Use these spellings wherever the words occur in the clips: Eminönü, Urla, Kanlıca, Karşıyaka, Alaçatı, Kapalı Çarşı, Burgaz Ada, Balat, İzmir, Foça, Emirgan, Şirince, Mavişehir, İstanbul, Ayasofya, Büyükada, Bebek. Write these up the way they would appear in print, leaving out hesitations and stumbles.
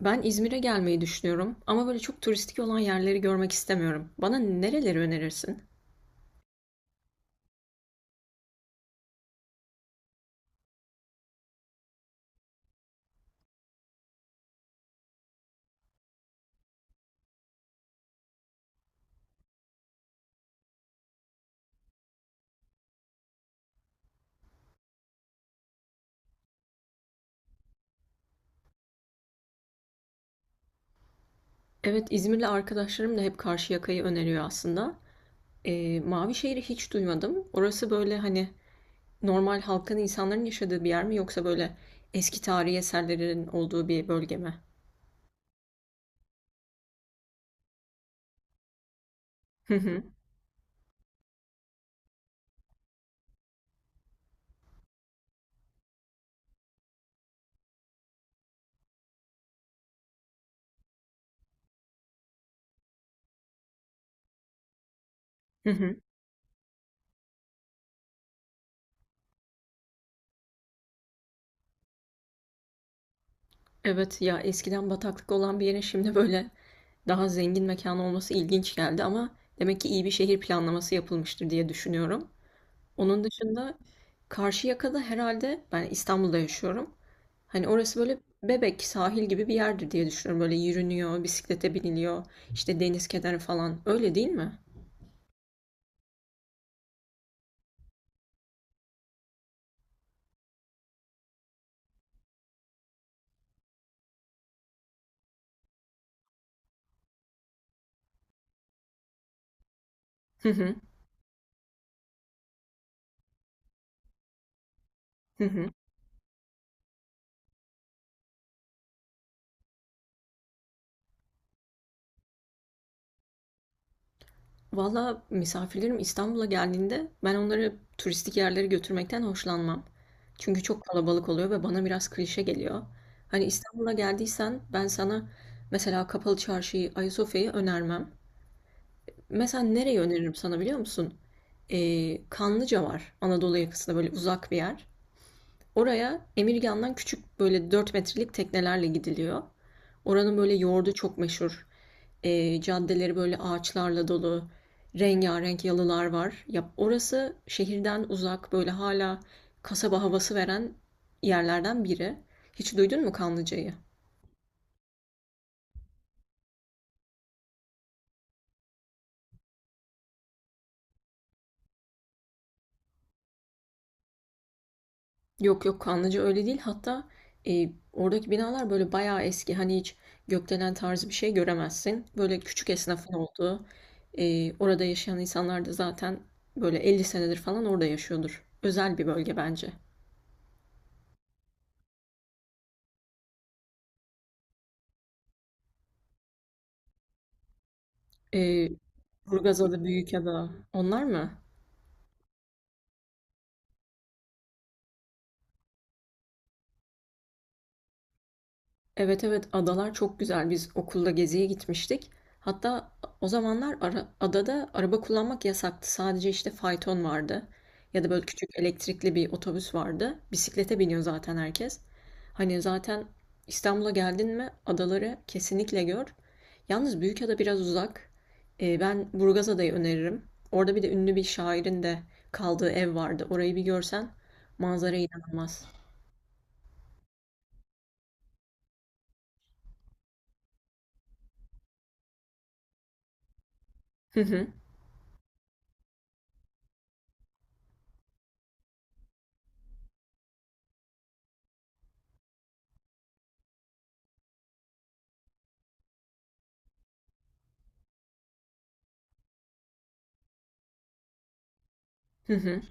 Ben İzmir'e gelmeyi düşünüyorum ama böyle çok turistik olan yerleri görmek istemiyorum. Bana nereleri önerirsin? Evet, İzmir'le arkadaşlarım da hep Karşıyaka'yı öneriyor aslında. Mavişehir'i hiç duymadım. Orası böyle hani normal halkın, insanların yaşadığı bir yer mi yoksa böyle eski tarihi eserlerin olduğu bir bölge mi? Hı hı, hı hı. Evet ya eskiden bataklık olan bir yere şimdi böyle daha zengin mekan olması ilginç geldi ama demek ki iyi bir şehir planlaması yapılmıştır diye düşünüyorum. Onun dışında Karşıyaka'da herhalde ben İstanbul'da yaşıyorum. Hani orası böyle Bebek sahil gibi bir yerdir diye düşünüyorum. Böyle yürünüyor, bisiklete biniliyor, işte deniz kenarı falan. Öyle değil mi? Hı hı. Hı hı. Valla misafirlerim İstanbul'a geldiğinde ben onları turistik yerlere götürmekten hoşlanmam. Çünkü çok kalabalık oluyor ve bana biraz klişe geliyor. Hani İstanbul'a geldiysen ben sana mesela Kapalı Çarşı'yı, Ayasofya'yı önermem. Mesela nereyi öneririm sana biliyor musun? Kanlıca var. Anadolu yakasında böyle uzak bir yer. Oraya Emirgan'dan küçük böyle 4 metrelik teknelerle gidiliyor. Oranın böyle yoğurdu çok meşhur. Caddeleri böyle ağaçlarla dolu. Rengarenk yalılar var. Ya orası şehirden uzak böyle hala kasaba havası veren yerlerden biri. Hiç duydun mu Kanlıca'yı? Yok yok Kanlıca öyle değil. Hatta oradaki binalar böyle bayağı eski. Hani hiç gökdelen tarzı bir şey göremezsin. Böyle küçük esnafın olduğu. Orada yaşayan insanlar da zaten böyle 50 senedir falan orada yaşıyordur. Özel bir bölge bence. E, Burgaz Ada, Büyükada onlar mı? Evet evet adalar çok güzel. Biz okulda geziye gitmiştik. Hatta o zamanlar adada araba kullanmak yasaktı. Sadece işte fayton vardı. Ya da böyle küçük elektrikli bir otobüs vardı. Bisiklete biniyor zaten herkes. Hani zaten İstanbul'a geldin mi adaları kesinlikle gör. Yalnız Büyükada biraz uzak. Ben Burgaz Adayı öneririm. Orada bir de ünlü bir şairin de kaldığı ev vardı. Orayı bir görsen manzara inanılmaz. Hı hı. Hı hı.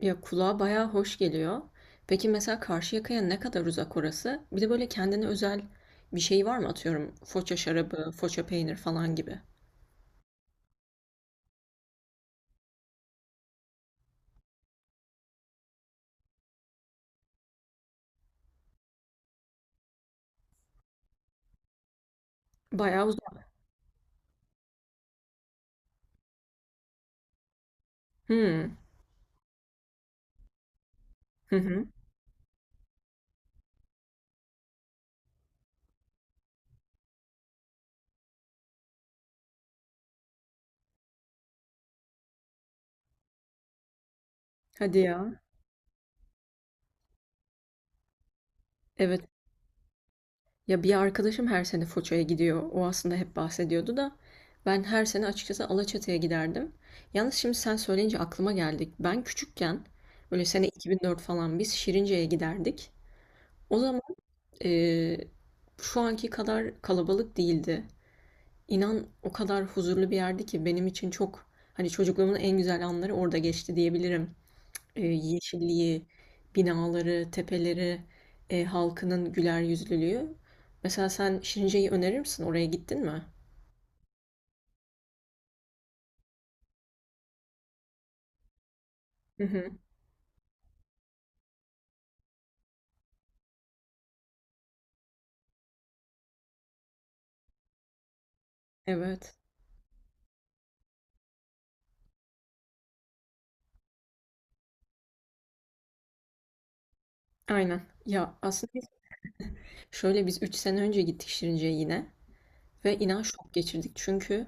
Ya kulağa bayağı hoş geliyor. Peki mesela Karşıyaka'ya ne kadar uzak orası? Bir de böyle kendine özel bir şey var mı? Atıyorum foça şarabı, foça peynir falan gibi. Bayağı uzak. Hmm. Hı hı. Hadi ya. Evet. Ya bir arkadaşım her sene Foça'ya gidiyor. O aslında hep bahsediyordu da. Ben her sene açıkçası Alaçatı'ya giderdim. Yalnız şimdi sen söyleyince aklıma geldik. Ben küçükken böyle sene 2004 falan biz Şirince'ye giderdik. O zaman eee, şu anki kadar kalabalık değildi. İnan o kadar huzurlu bir yerdi ki benim için çok hani çocukluğumun en güzel anları orada geçti diyebilirim. Yeşilliği, binaları, tepeleri, halkının güler yüzlülüğü. Mesela sen Şirince'yi önerir misin? Oraya gittin mi? Hı hı. Evet. Aynen. Ya aslında biz şöyle biz 3 sene önce gittik Şirince'ye yine ve inan şok geçirdik. Çünkü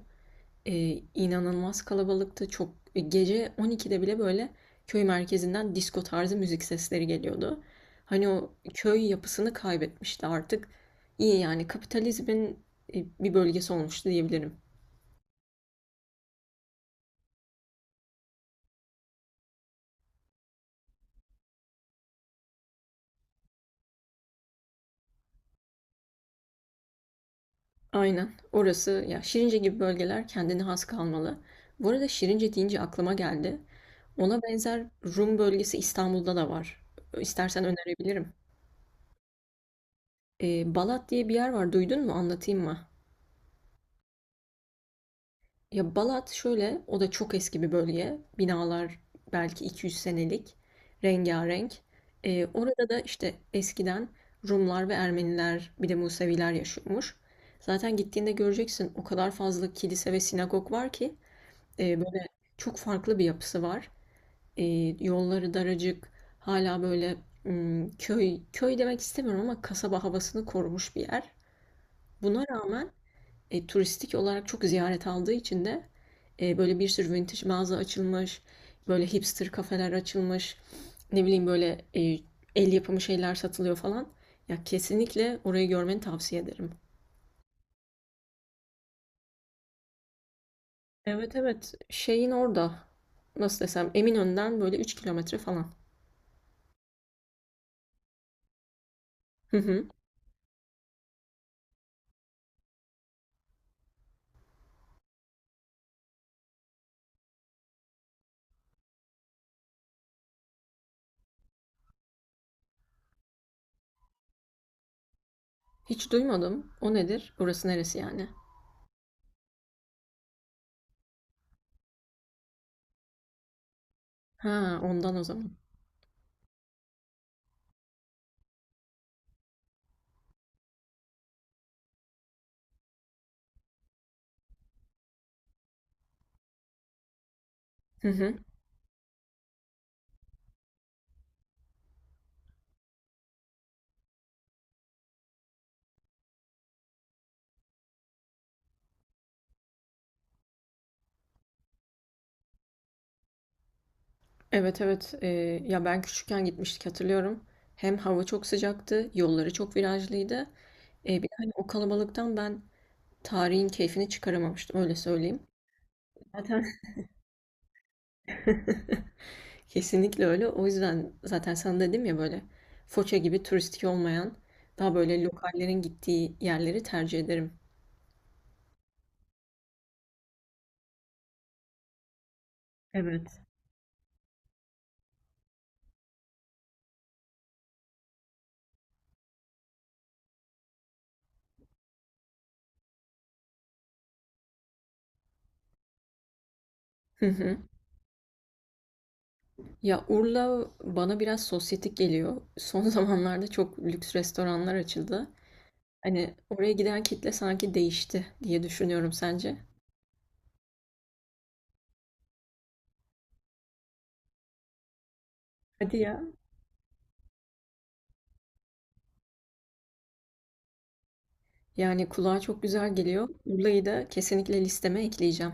İnanılmaz kalabalıktı. Çok gece 12'de bile böyle köy merkezinden disko tarzı müzik sesleri geliyordu. Hani o köy yapısını kaybetmişti artık. İyi yani kapitalizmin bir bölgesi olmuştu diyebilirim. Aynen. Orası ya Şirince gibi bölgeler kendine has kalmalı. Bu arada Şirince deyince aklıma geldi. Ona benzer Rum bölgesi İstanbul'da da var. İstersen önerebilirim. Balat diye bir yer var. Duydun mu? Anlatayım mı? Ya Balat şöyle, o da çok eski bir bölge. Binalar belki 200 senelik, rengarenk. Orada da işte eskiden Rumlar ve Ermeniler, bir de Museviler yaşıyormuş. Zaten gittiğinde göreceksin o kadar fazla kilise ve sinagog var ki böyle çok farklı bir yapısı var. Ee, yolları daracık, hala böyle köy köy demek istemiyorum ama kasaba havasını korumuş bir yer. Buna rağmen turistik olarak çok ziyaret aldığı için de böyle bir sürü vintage mağaza açılmış, böyle hipster kafeler açılmış, ne bileyim böyle el yapımı şeyler satılıyor falan. Ya kesinlikle orayı görmeni tavsiye ederim. Evet evet şeyin orada nasıl desem Eminönü'nden böyle 3 kilometre falan. Hı hı. Hiç duymadım. O nedir? Burası neresi yani? Ha ondan o zaman. Hı hı. Evet evet ya ben küçükken gitmiştik hatırlıyorum. Hem hava çok sıcaktı, yolları çok virajlıydı. Bir de hani o kalabalıktan ben tarihin keyfini çıkaramamıştım öyle söyleyeyim. Zaten kesinlikle öyle. O yüzden zaten sana dedim ya böyle Foça gibi turistik olmayan daha böyle lokallerin gittiği yerleri tercih ederim. Evet. Hı hı. Ya Urla bana biraz sosyetik geliyor. Son zamanlarda çok lüks restoranlar açıldı. Hani oraya giden kitle sanki değişti diye düşünüyorum sence? Hadi ya. Yani kulağa çok güzel geliyor. Urla'yı da kesinlikle listeme ekleyeceğim.